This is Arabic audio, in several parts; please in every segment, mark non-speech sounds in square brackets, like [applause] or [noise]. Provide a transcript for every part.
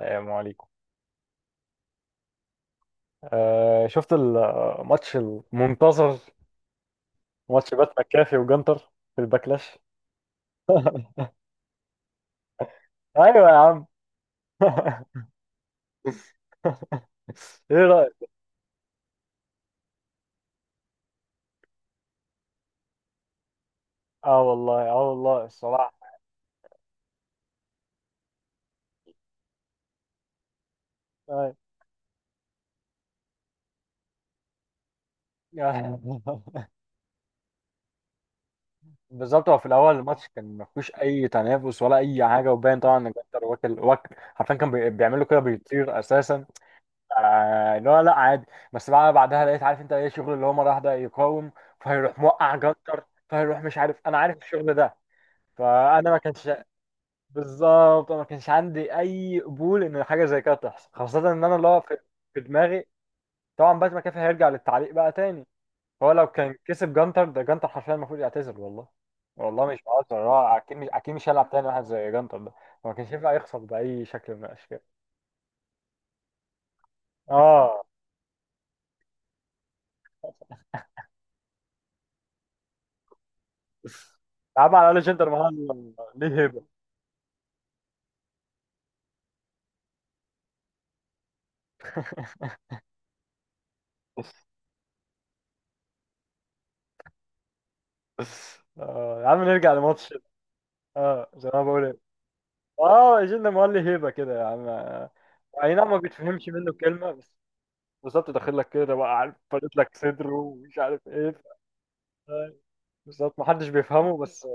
السلام عليكم. شفت الماتش المنتظر؟ ماتش بات مكافي وجنتر في الباكلاش. [laughs] ايوه يا عم. [laughs] ايه رايك؟ اه والله، اه والله الصراحه. آه. [laughs] بالظبط، هو في الاول الماتش كان ما فيهوش اي تنافس ولا اي حاجه، وباين طبعا ان جنتر واكل واكل حرفيا، كان بيعملوا كده، بيطير اساسا. آه لا لا عادي. بس بقى بعدها لقيت، عارف انت ايه شغل اللي هو مره واحده يقاوم، فهيروح موقع جنتر فهيروح مش عارف، انا عارف الشغل ده. فانا ما كانش، بالظبط أنا ما كانش عندي اي قبول ان حاجه زي كده تحصل، خاصه ان انا اللي هو في في دماغي طبعا باتمان كافي هيرجع للتعليق بقى تاني. هو لو كان كسب جانتر، ده جانتر حرفيا المفروض يعتزل والله. والله مش بهزر، هو اكيد، مش اكيد مش هيلعب تاني واحد زي جانتر ده. هو ما كانش ينفع يخسر باي شكل من الاشكال. اه يا عم على الاقل جنتر مان ليه هيبه. [laughs] آه يا عم نرجع لماتش. اه زي ما أنا بقول ايه، اه جنتر مان ليه هيبه كده يا عم. اي نعم ما بتفهمش منه كلمه، بس بالظبط داخل لك كده بقى، عارف، فارد لك صدره ومش عارف ايه. ف- بالظبط ما حدش بيفهمه بس.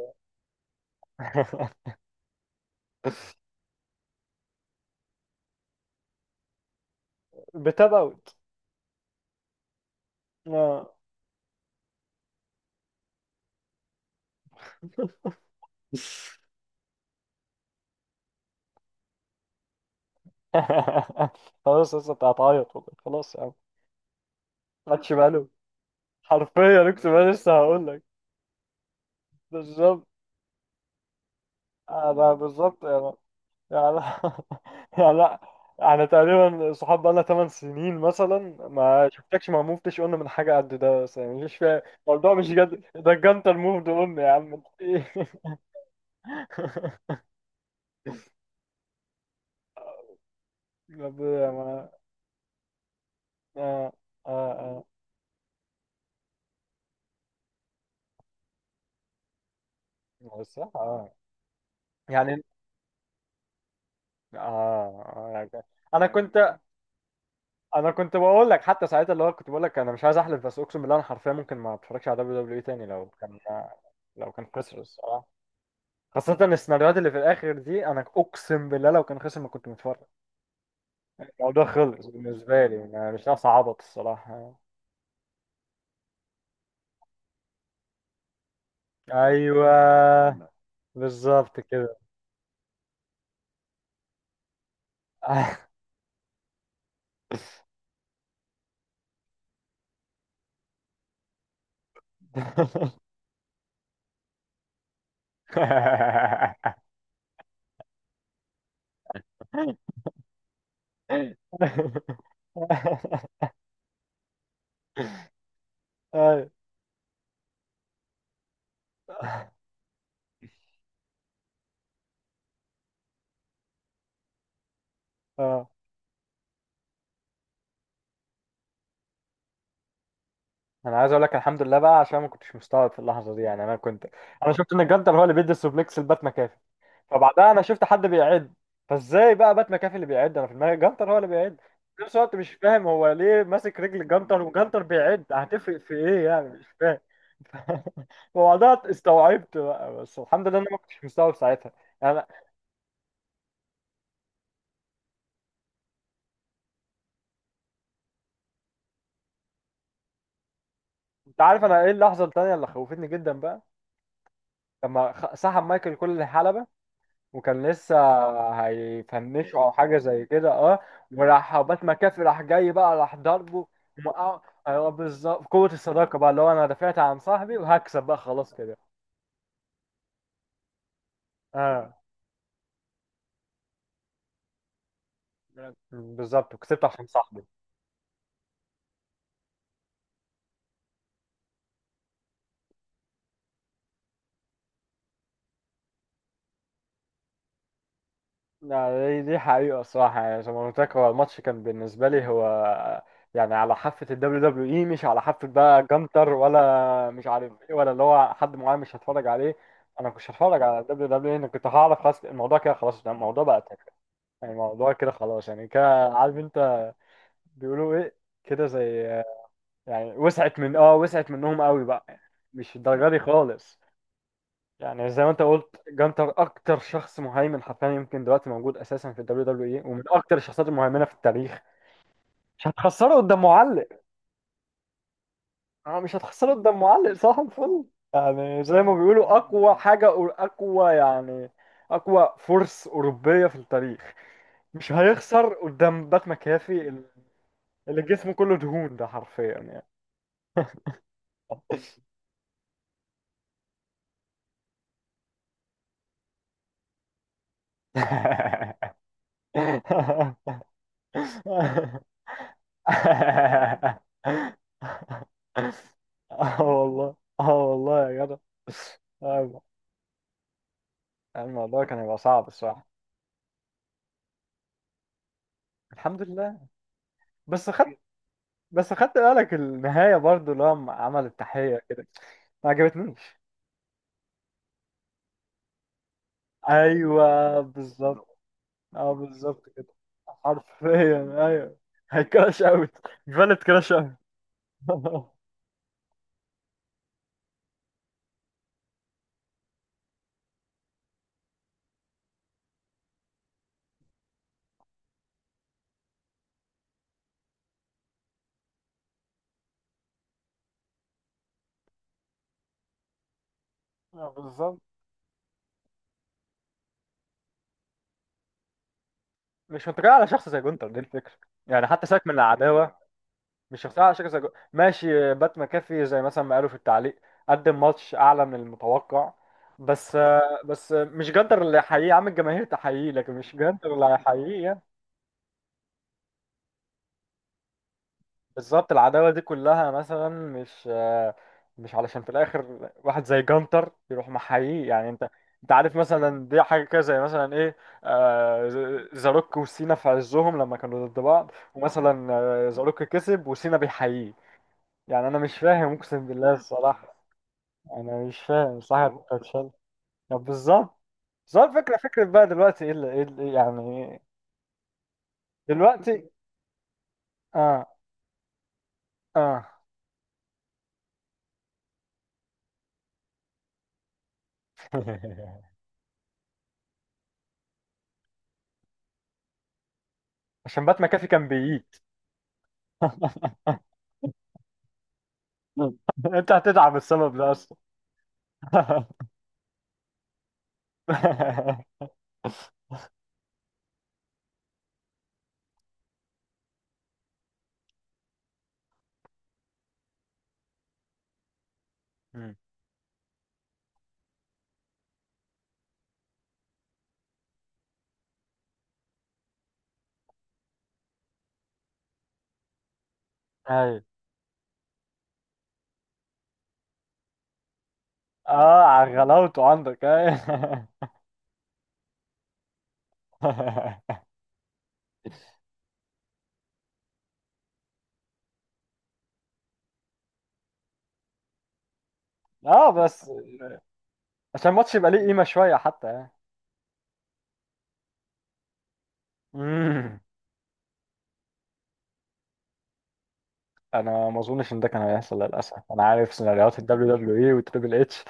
[laughs] بتبوت. آه. [laughs] خلاص لسه انت هتعيط والله، خلاص يا عم. ما خدش باله. حرفيا اقسم بالله لسه هقول لك. بالظبط، انا بالظبط، يعني [laughs] يعني لا، احنا تقريبا صحاب بقالنا 8 سنين مثلا، ما شفتكش، ما موفتش قلنا من حاجه قد ده، بس يعني مش فاهم الموضوع، مش جد ده، الجنطه الموف ده قلنا يا عم. [laughs] ايه؟ طب يا ما. اه. اه. اه بس اه. يعني اه يعني انا كنت انا كنت بقول لك حتى ساعتها، اللي هو كنت بقول لك انا مش عايز احلف، بس اقسم بالله انا حرفيا ممكن ما اتفرجش على دبليو دبليو اي تاني لو كان، لو كان خسر الصراحه. خاصة السيناريوهات اللي في الآخر دي، أنا أقسم بالله لو كان خسر ما كنت متفرج. الموضوع خلص بالنسبة لي، أنا مش ناقص عبط الصراحة. أيوه، بالظبط كده. [laughs] أيوة. اه، انا عايز اقول لك الحمد لله بقى، عشان ما كنتش مستوعب في اللحظه دي، يعني انا كنت، انا شفت ان الجدل هو اللي بيدي السوبلكس لبات مكافي، فبعدها انا شفت حد بيعد، فازاي بقى بات مكافي اللي بيعد، انا في دماغي جنتر هو اللي بيعد. في نفس الوقت مش فاهم هو ليه ماسك رجل جنتر وجنتر بيعد، هتفرق في ايه يعني، مش فاهم. [laughs] وبعدها استوعبت بقى، بس الحمد لله انا ما كنتش مستوعب ساعتها. يعني انا، انت عارف انا ايه اللحظه التانيه اللي خوفتني جدا بقى؟ لما سحب مايكل كل الحلبه، وكان لسه هيفنشه او حاجه زي كده اه، وراح بات مكافي راح جاي بقى راح ضربه وموقعه. ايوه بالظبط، قوه الصداقه بقى، اللي هو انا دافعت عن صاحبي وهكسب بقى خلاص كده. اه بالظبط، وكسبت عشان صاحبي. لا، دي دي حقيقه الصراحه، يعني زي ما قلت لك، هو الماتش كان بالنسبه لي هو يعني على حافه الدبليو دبليو اي، مش على حافه بقى جنتر ولا مش عارف ايه ولا اللي هو حد معين مش هتفرج عليه. انا مش هتفرج على الدبليو دبليو اي، انا كنت هعرف خلاص الموضوع كده خلاص، ده الموضوع بقى تافه، الموضوع كده خلاص. يعني كده عارف انت بيقولوا ايه، كده زي يعني، وسعت من، اه وسعت منهم قوي بقى يعني، مش الدرجه دي خالص. يعني زي ما انت قلت، جانتر اكتر شخص مهيمن حرفيا يمكن دلوقتي موجود اساسا في الدبليو دبليو اي، ومن اكتر الشخصيات المهيمنه في التاريخ. مش هتخسره قدام معلق. اه مش هتخسره قدام معلق، صح الفل. يعني زي ما بيقولوا اقوى حاجه، اقوى يعني، اقوى فرس اوروبيه في التاريخ، مش هيخسر قدام بات مكافي اللي جسمه كله دهون ده، حرفيا يعني. اه والله اه والله يا جدع. آه، الموضوع كان هيبقى صعب الصراحة. الحمد لله. بس خدت، بس خدت بالك النهاية برضو لما عمل التحية كده؟ ما عجبتنيش. ايوه بالظبط. اه بالظبط كده، حرفيا ايوه، هي كراش اوت، فالت كراش اوت. [laughs] آه، بالظبط، مش منطقية على شخص زي جونتر دي الفكرة. يعني حتى سيبك من العداوة، مش شخصية على شخص زي جونتر. ماشي بات مكافي زي مثلا ما قالوا في التعليق قدم ماتش أعلى من المتوقع، بس، بس مش جونتر اللي هيحييه يا عم. الجماهير تحييه، لكن مش جونتر اللي هيحييه. بالظبط العداوة دي كلها مثلا مش آه، مش علشان في الآخر واحد زي جانتر يروح محييه. يعني أنت، أنت عارف مثلا دي حاجة كده زي مثلا إيه، آه، زاروك وسينا في عزهم لما كانوا ضد بعض، ومثلا آه، زاروك كسب وسينا بيحييه. يعني أنا مش فاهم أقسم بالله الصراحة. أنا مش فاهم، صح بتتشال. طب بالظبط، بالظبط فكرة بقى دلوقتي إيه اللي، يعني دلوقتي آه، آه. [laughs] عشان بات مكافي كان بييت. [laughs] [laughs] انت هتدعم السبب ده اصلا؟ [laughs] مم. ايوه. اه على غلاوته عندك، ايوه. [laughs] اه بس عشان الماتش يبقى ليه قيمه شويه حتى يعني. مم. انا ما اظنش ان ده كان هيحصل للاسف، انا عارف سيناريوهات الدبليو دبليو اي والتريبل اتش.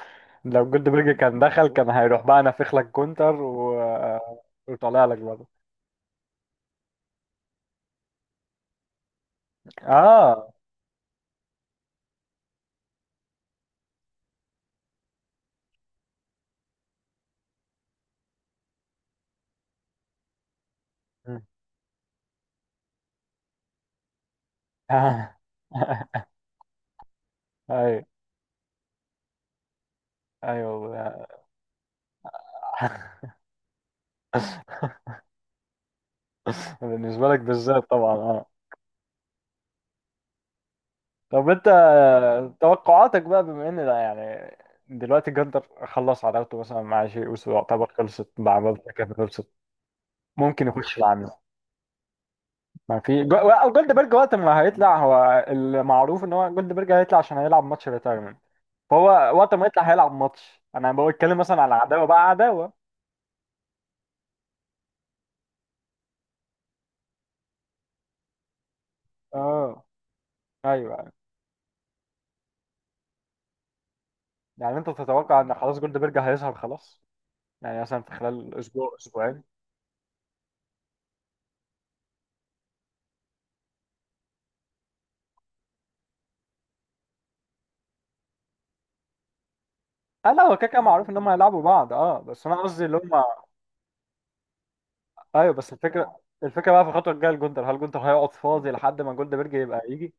لو جولد برج كان دخل كان هيروح بقى نافخ لك كونتر و... [laughs] وطالع لك برضه. اه. مم. [laughs] ايوه. ايوه. [laughs] بالنسبه لك بالذات طبعا آه. طب انت، توقعاتك بقى بما ان ده يعني، دلوقتي جندر خلص عداوته مثلا مع شيء اوسو، يعتبر خلصت مع بالتر كانت خلصت، ممكن يخش مع مين؟ ما في جو... او جولدبرج، وقت ما هيطلع، هو المعروف ان هو جولدبرج هيطلع عشان هيلعب ماتش ريتايرمنت، فهو وقت ما يطلع هيلعب ماتش. انا بتكلم مثلا على عداوه بقى، عداوه. اه ايوه، يعني انت تتوقع ان خلاص جولدبرج هيظهر خلاص، يعني مثلا في خلال اسبوع اسبوعين. اه لا، هو كده كده معروف ان هم هيلعبوا بعض، اه بس انا قصدي اللي هم، ايوه بس الفكره، الفكره بقى في الخطوه الجايه لجندر، هل جندر هيقعد فاضي لحد ما جولدبرج يبقى يجي؟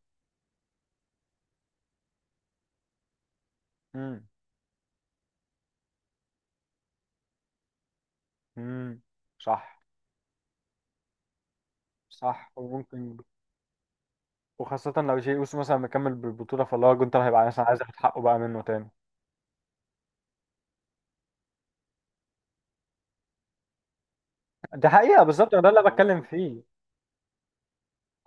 امم. امم. صح. صح وممكن، وخاصه لو جي اوسو مثلا مكمل بالبطوله، فاللي هو جندر هيبقى مثلا عايز ياخد حقه بقى منه تاني. دي حقيقه، بالظبط ده اللي أنا بتكلم فيه.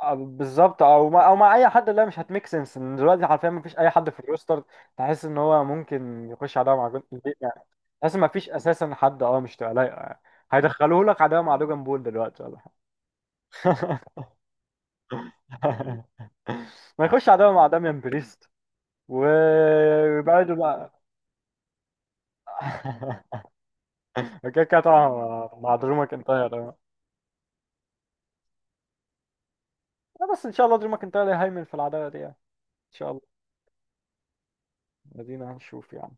آه، بالظبط، او ما او مع اي حد، اللي هي مش هتميك سنس ان دلوقتي حرفيا ما فيش اي حد في الروستر تحس ان هو ممكن يخش عداوه مع جندر يعني، تحس ما فيش اساسا حد، اه مش تبقى لايقه يعني. هيدخلوه لك عداوه مع دوجان بول دلوقتي ولا حاجه؟ [laughs] [laughs] ما يخش عداوة مع داميان بريست ويبعدوا بقى. [laughs] كده كده طبعا مع، مع درو ماكنتاير آه، بس ان شاء الله درو ماكنتاير هيهيمن في العداوة دي يعني. ان شاء الله. ادينا هنشوف يعني.